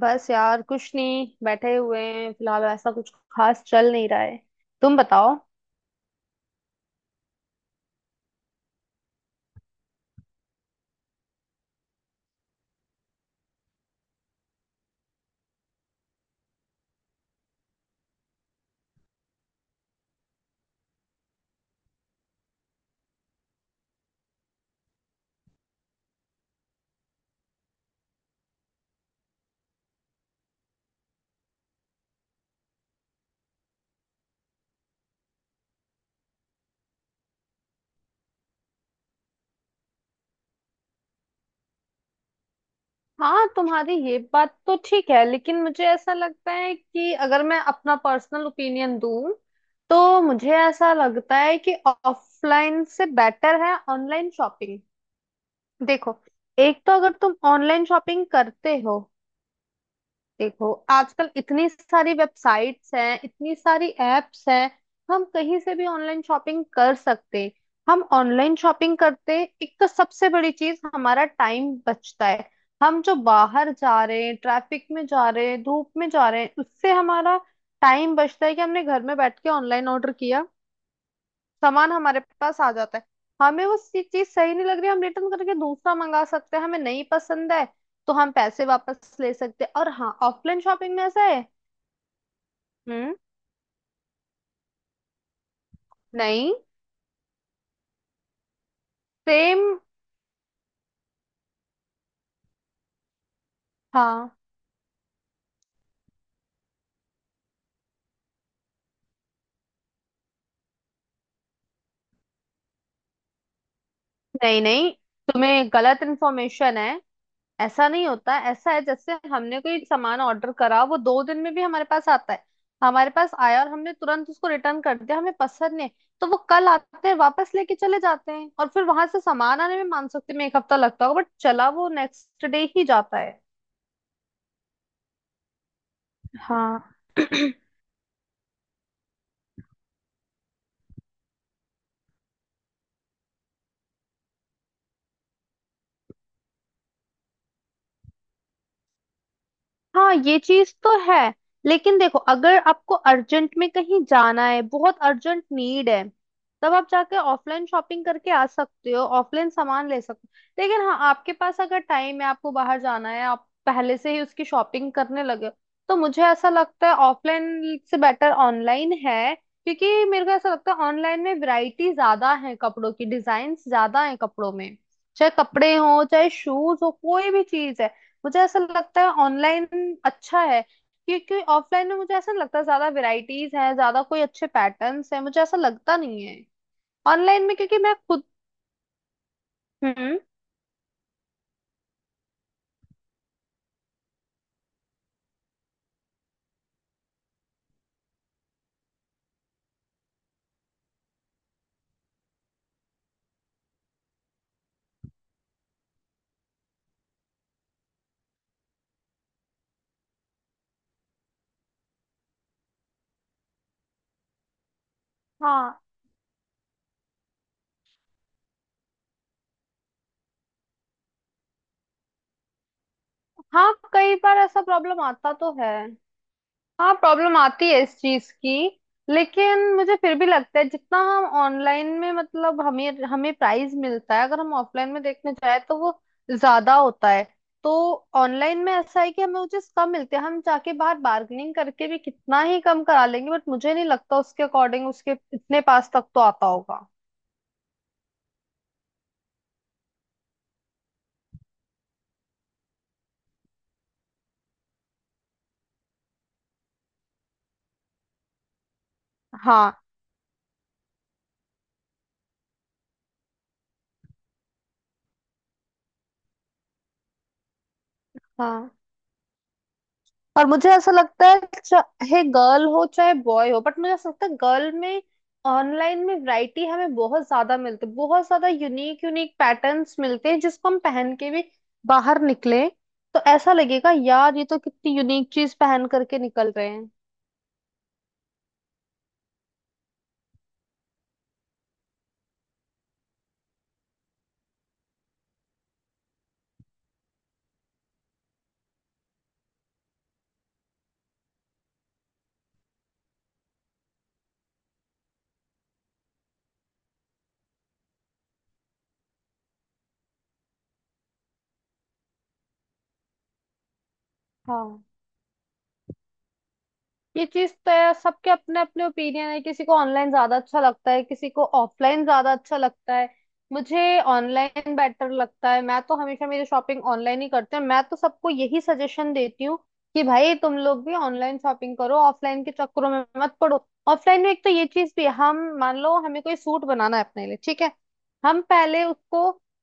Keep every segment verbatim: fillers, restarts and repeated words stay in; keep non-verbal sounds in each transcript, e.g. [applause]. बस यार, कुछ नहीं। बैठे हुए हैं फिलहाल, ऐसा कुछ खास चल नहीं रहा है। तुम बताओ। हाँ, तुम्हारी ये बात तो ठीक है, लेकिन मुझे ऐसा लगता है कि अगर मैं अपना पर्सनल ओपिनियन दूं तो मुझे ऐसा लगता है कि ऑफलाइन से बेटर है ऑनलाइन शॉपिंग। देखो, एक तो अगर तुम ऑनलाइन शॉपिंग करते हो। देखो, आजकल इतनी सारी वेबसाइट्स हैं, इतनी सारी एप्स हैं, हम कहीं से भी ऑनलाइन शॉपिंग कर सकते हैं। हम ऑनलाइन शॉपिंग करते, एक तो सबसे बड़ी चीज हमारा टाइम बचता है। हम जो बाहर जा रहे हैं, ट्रैफिक में जा रहे हैं, धूप में जा रहे हैं, उससे हमारा टाइम बचता है कि हमने घर में बैठ के ऑनलाइन ऑर्डर किया, सामान हमारे पास आ जाता है। हमें वो चीज सही नहीं लग रही, हम रिटर्न करके दूसरा मंगा सकते हैं। हमें नहीं पसंद है तो हम पैसे वापस ले सकते हैं। और हाँ, ऑफलाइन शॉपिंग में ऐसा है। हम्म। नहीं। सेम। हाँ। नहीं नहीं, तुम्हें गलत इन्फॉर्मेशन है। ऐसा नहीं होता। ऐसा है जैसे हमने कोई सामान ऑर्डर करा, वो दो दिन में भी हमारे पास आता है। हमारे पास आया और हमने तुरंत उसको रिटर्न कर दिया, हमें पसंद नहीं। तो वो कल आते हैं वापस लेके चले जाते हैं, और फिर वहां से सामान आने में मान सकते हैं एक हफ्ता लगता होगा, बट चला वो नेक्स्ट डे ही जाता है। हाँ। [clears throat] हाँ, ये चीज तो है। लेकिन देखो, अगर आपको अर्जेंट में कहीं जाना है, बहुत अर्जेंट नीड है, तब आप जाके ऑफलाइन शॉपिंग करके आ सकते हो, ऑफलाइन सामान ले सकते हो। लेकिन हाँ, आपके पास अगर टाइम है, आपको बाहर जाना है, आप पहले से ही उसकी शॉपिंग करने लगे हो, तो मुझे ऐसा लगता है ऑफलाइन से बेटर ऑनलाइन है। क्योंकि मेरे को ऐसा लगता है ऑनलाइन में वैरायटी ज्यादा है, कपड़ों की डिजाइन ज्यादा है कपड़ों में, चाहे कपड़े हो चाहे शूज हो कोई भी चीज है। मुझे ऐसा लगता है ऑनलाइन अच्छा है। क्योंकि ऑफलाइन में मुझे ऐसा नहीं लगता ज्यादा वैरायटीज हैं, ज्यादा कोई अच्छे पैटर्न्स हैं, मुझे ऐसा लगता नहीं है ऑनलाइन में, क्योंकि मैं खुद। हम्म। हाँ। हाँ, कई बार ऐसा प्रॉब्लम आता तो है। हाँ, प्रॉब्लम आती है इस चीज की। लेकिन मुझे फिर भी लगता है, जितना हम ऑनलाइन में मतलब हमें हमें प्राइस मिलता है, अगर हम ऑफलाइन में देखने जाए तो वो ज्यादा होता है। तो ऑनलाइन में ऐसा है कि हमें वो चीज कम मिलती है। हम जाके बाहर बार्गेनिंग करके भी कितना ही कम करा लेंगे, बट मुझे नहीं लगता उसके अकॉर्डिंग उसके इतने पास तक तो आता होगा। हाँ। हाँ। और मुझे ऐसा लगता है, चाहे गर्ल हो चाहे बॉय हो, बट मुझे ऐसा लगता है गर्ल में ऑनलाइन में वैरायटी हमें बहुत ज्यादा मिलती है, बहुत ज्यादा यूनिक यूनिक पैटर्न्स मिलते हैं जिसको हम पहन के भी बाहर निकले तो ऐसा लगेगा, यार ये तो कितनी यूनिक चीज पहन करके निकल रहे हैं। हाँ, ये चीज तो है। सबके अपने अपने ओपिनियन है, किसी को ऑनलाइन ज्यादा अच्छा लगता है, किसी को ऑफलाइन ज्यादा अच्छा लगता है। मुझे ऑनलाइन बेटर लगता है, मैं तो हमेशा मेरी शॉपिंग ऑनलाइन ही करती हूँ। मैं तो सबको यही सजेशन देती हूँ कि भाई तुम लोग भी ऑनलाइन शॉपिंग करो, ऑफलाइन के चक्करों में मत पड़ो। ऑफलाइन में एक तो ये चीज भी है, हम मान लो हमें कोई सूट बनाना है अपने लिए, ठीक है। हम पहले उसको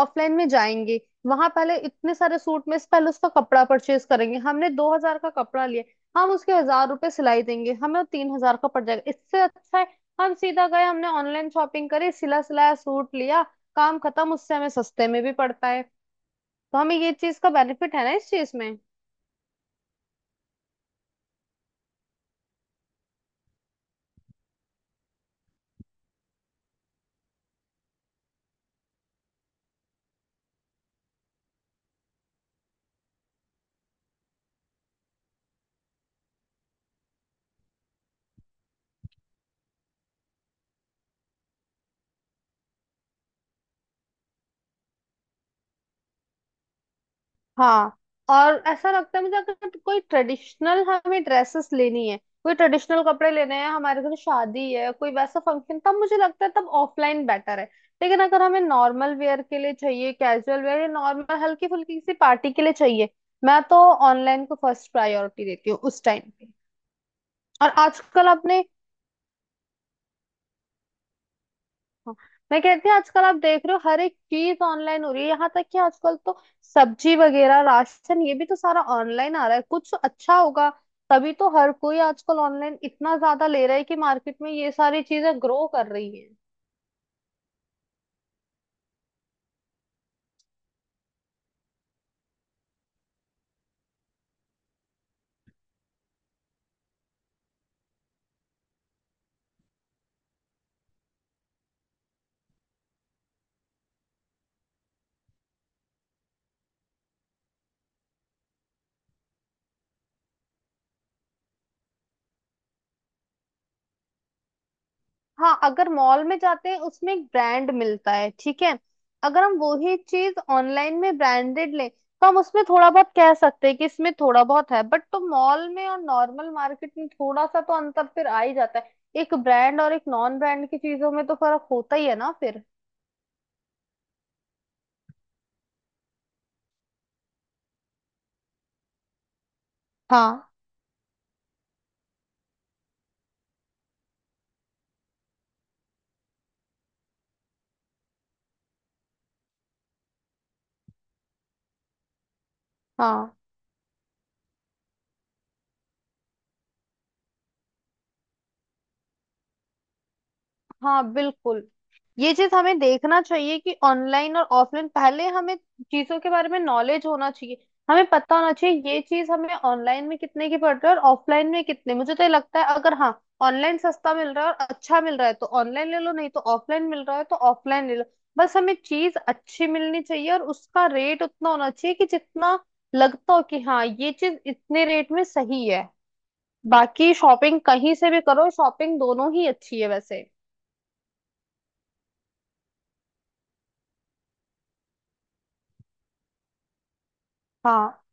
ऑफलाइन में जाएंगे, वहां पहले इतने सारे सूट में से पहले उसका कपड़ा परचेज करेंगे, हमने दो हजार का कपड़ा लिया। हम उसके हजार रुपए सिलाई देंगे, हमें वो तीन हजार का पड़ जाएगा। इससे अच्छा है हम सीधा गए, हमने ऑनलाइन शॉपिंग करी, सिला सिलाया सूट लिया, काम खत्म। उससे हमें सस्ते में भी पड़ता है। तो हमें ये चीज का बेनिफिट है ना इस चीज में। हाँ, और ऐसा लगता है मुझे, अगर कोई ट्रेडिशनल हमें ड्रेसेस लेनी है, कोई ट्रेडिशनल कपड़े लेने हैं, हमारे घर शादी है कोई वैसा फंक्शन, तब मुझे लगता है तब ऑफलाइन बेटर है। लेकिन अगर हमें नॉर्मल वेयर के लिए चाहिए, कैजुअल वेयर या नॉर्मल हल्की फुल्की किसी पार्टी के लिए चाहिए, मैं तो ऑनलाइन को फर्स्ट प्रायोरिटी देती हूँ उस टाइम पे। और आजकल आपने। हाँ, मैं कहती हूँ आजकल आप देख रहे हो हर एक चीज ऑनलाइन हो रही है, यहाँ तक कि आजकल तो सब्जी वगैरह राशन ये भी तो सारा ऑनलाइन आ रहा है। कुछ अच्छा होगा तभी तो हर कोई आजकल ऑनलाइन इतना ज्यादा ले रहा है कि मार्केट में ये सारी चीजें ग्रो कर रही है। हाँ, अगर मॉल में जाते हैं उसमें एक ब्रांड मिलता है, ठीक है। अगर हम वही चीज ऑनलाइन में ब्रांडेड लें तो हम उसमें थोड़ा बहुत कह सकते हैं कि इसमें थोड़ा बहुत है, बट तो मॉल में और नॉर्मल मार्केट में थोड़ा सा तो अंतर फिर आ ही जाता है। एक ब्रांड और एक नॉन ब्रांड की चीजों में तो फर्क होता ही है ना फिर। हाँ। हाँ। हाँ, बिल्कुल। ये चीज हमें देखना चाहिए कि ऑनलाइन और ऑफलाइन, पहले हमें चीजों के बारे में नॉलेज होना चाहिए। हमें पता होना चाहिए ये चीज हमें ऑनलाइन में कितने की पड़ रही है और ऑफलाइन में कितने, मुझे तो ये लगता है अगर हाँ ऑनलाइन सस्ता मिल रहा है और अच्छा मिल रहा है तो ऑनलाइन ले लो, नहीं तो ऑफलाइन मिल रहा है तो ऑफलाइन ले लो। बस हमें चीज अच्छी मिलनी चाहिए और उसका रेट उतना होना चाहिए कि जितना लगता हो कि हाँ ये चीज इतने रेट में सही है। बाकी शॉपिंग कहीं से भी करो, शॉपिंग दोनों ही अच्छी है वैसे। हाँ।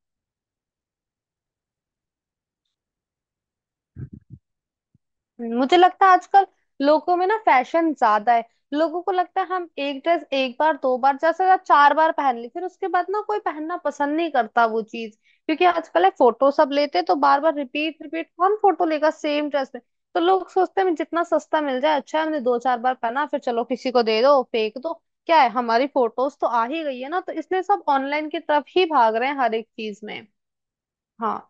मुझे लगता है आजकल लोगों में ना फैशन ज्यादा है, लोगों को लगता है हम एक ड्रेस एक बार दो बार ज्यादा से ज्यादा चार बार पहन ली फिर उसके बाद ना कोई पहनना पसंद नहीं करता वो चीज। क्योंकि आजकल है फोटो सब लेते हैं, तो बार बार रिपीट रिपीट कौन फोटो लेगा सेम ड्रेस में। तो लोग सोचते हैं जितना सस्ता मिल जाए अच्छा है, हमने दो चार बार पहना फिर चलो किसी को दे दो फेंक दो, क्या है हमारी फोटोज तो आ ही गई है ना। तो इसलिए सब ऑनलाइन की तरफ ही भाग रहे हैं हर एक चीज में। हाँ।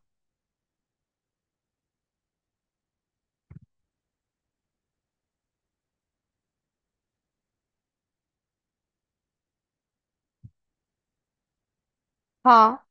हाँ।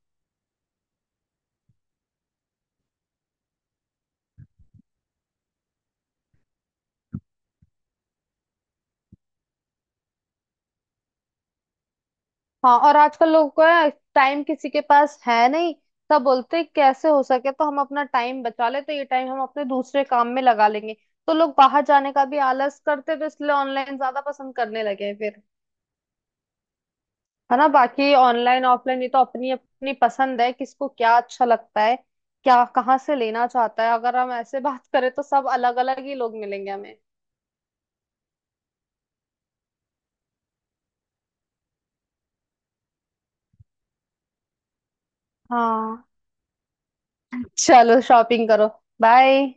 हाँ, और आजकल लोगों को है, टाइम किसी के पास है नहीं, तब बोलते हैं, कैसे हो सके तो हम अपना टाइम बचा ले, तो ये टाइम हम अपने दूसरे काम में लगा लेंगे। तो लोग बाहर जाने का भी आलस करते हैं, तो इसलिए ऑनलाइन ज्यादा पसंद करने लगे हैं फिर। है ना, बाकी ऑनलाइन ऑफलाइन ये तो अपनी अपनी पसंद है, किसको क्या अच्छा लगता है, क्या कहाँ से लेना चाहता है। अगर हम ऐसे बात करें तो सब अलग अलग ही लोग मिलेंगे हमें। हाँ। चलो, शॉपिंग करो। बाय।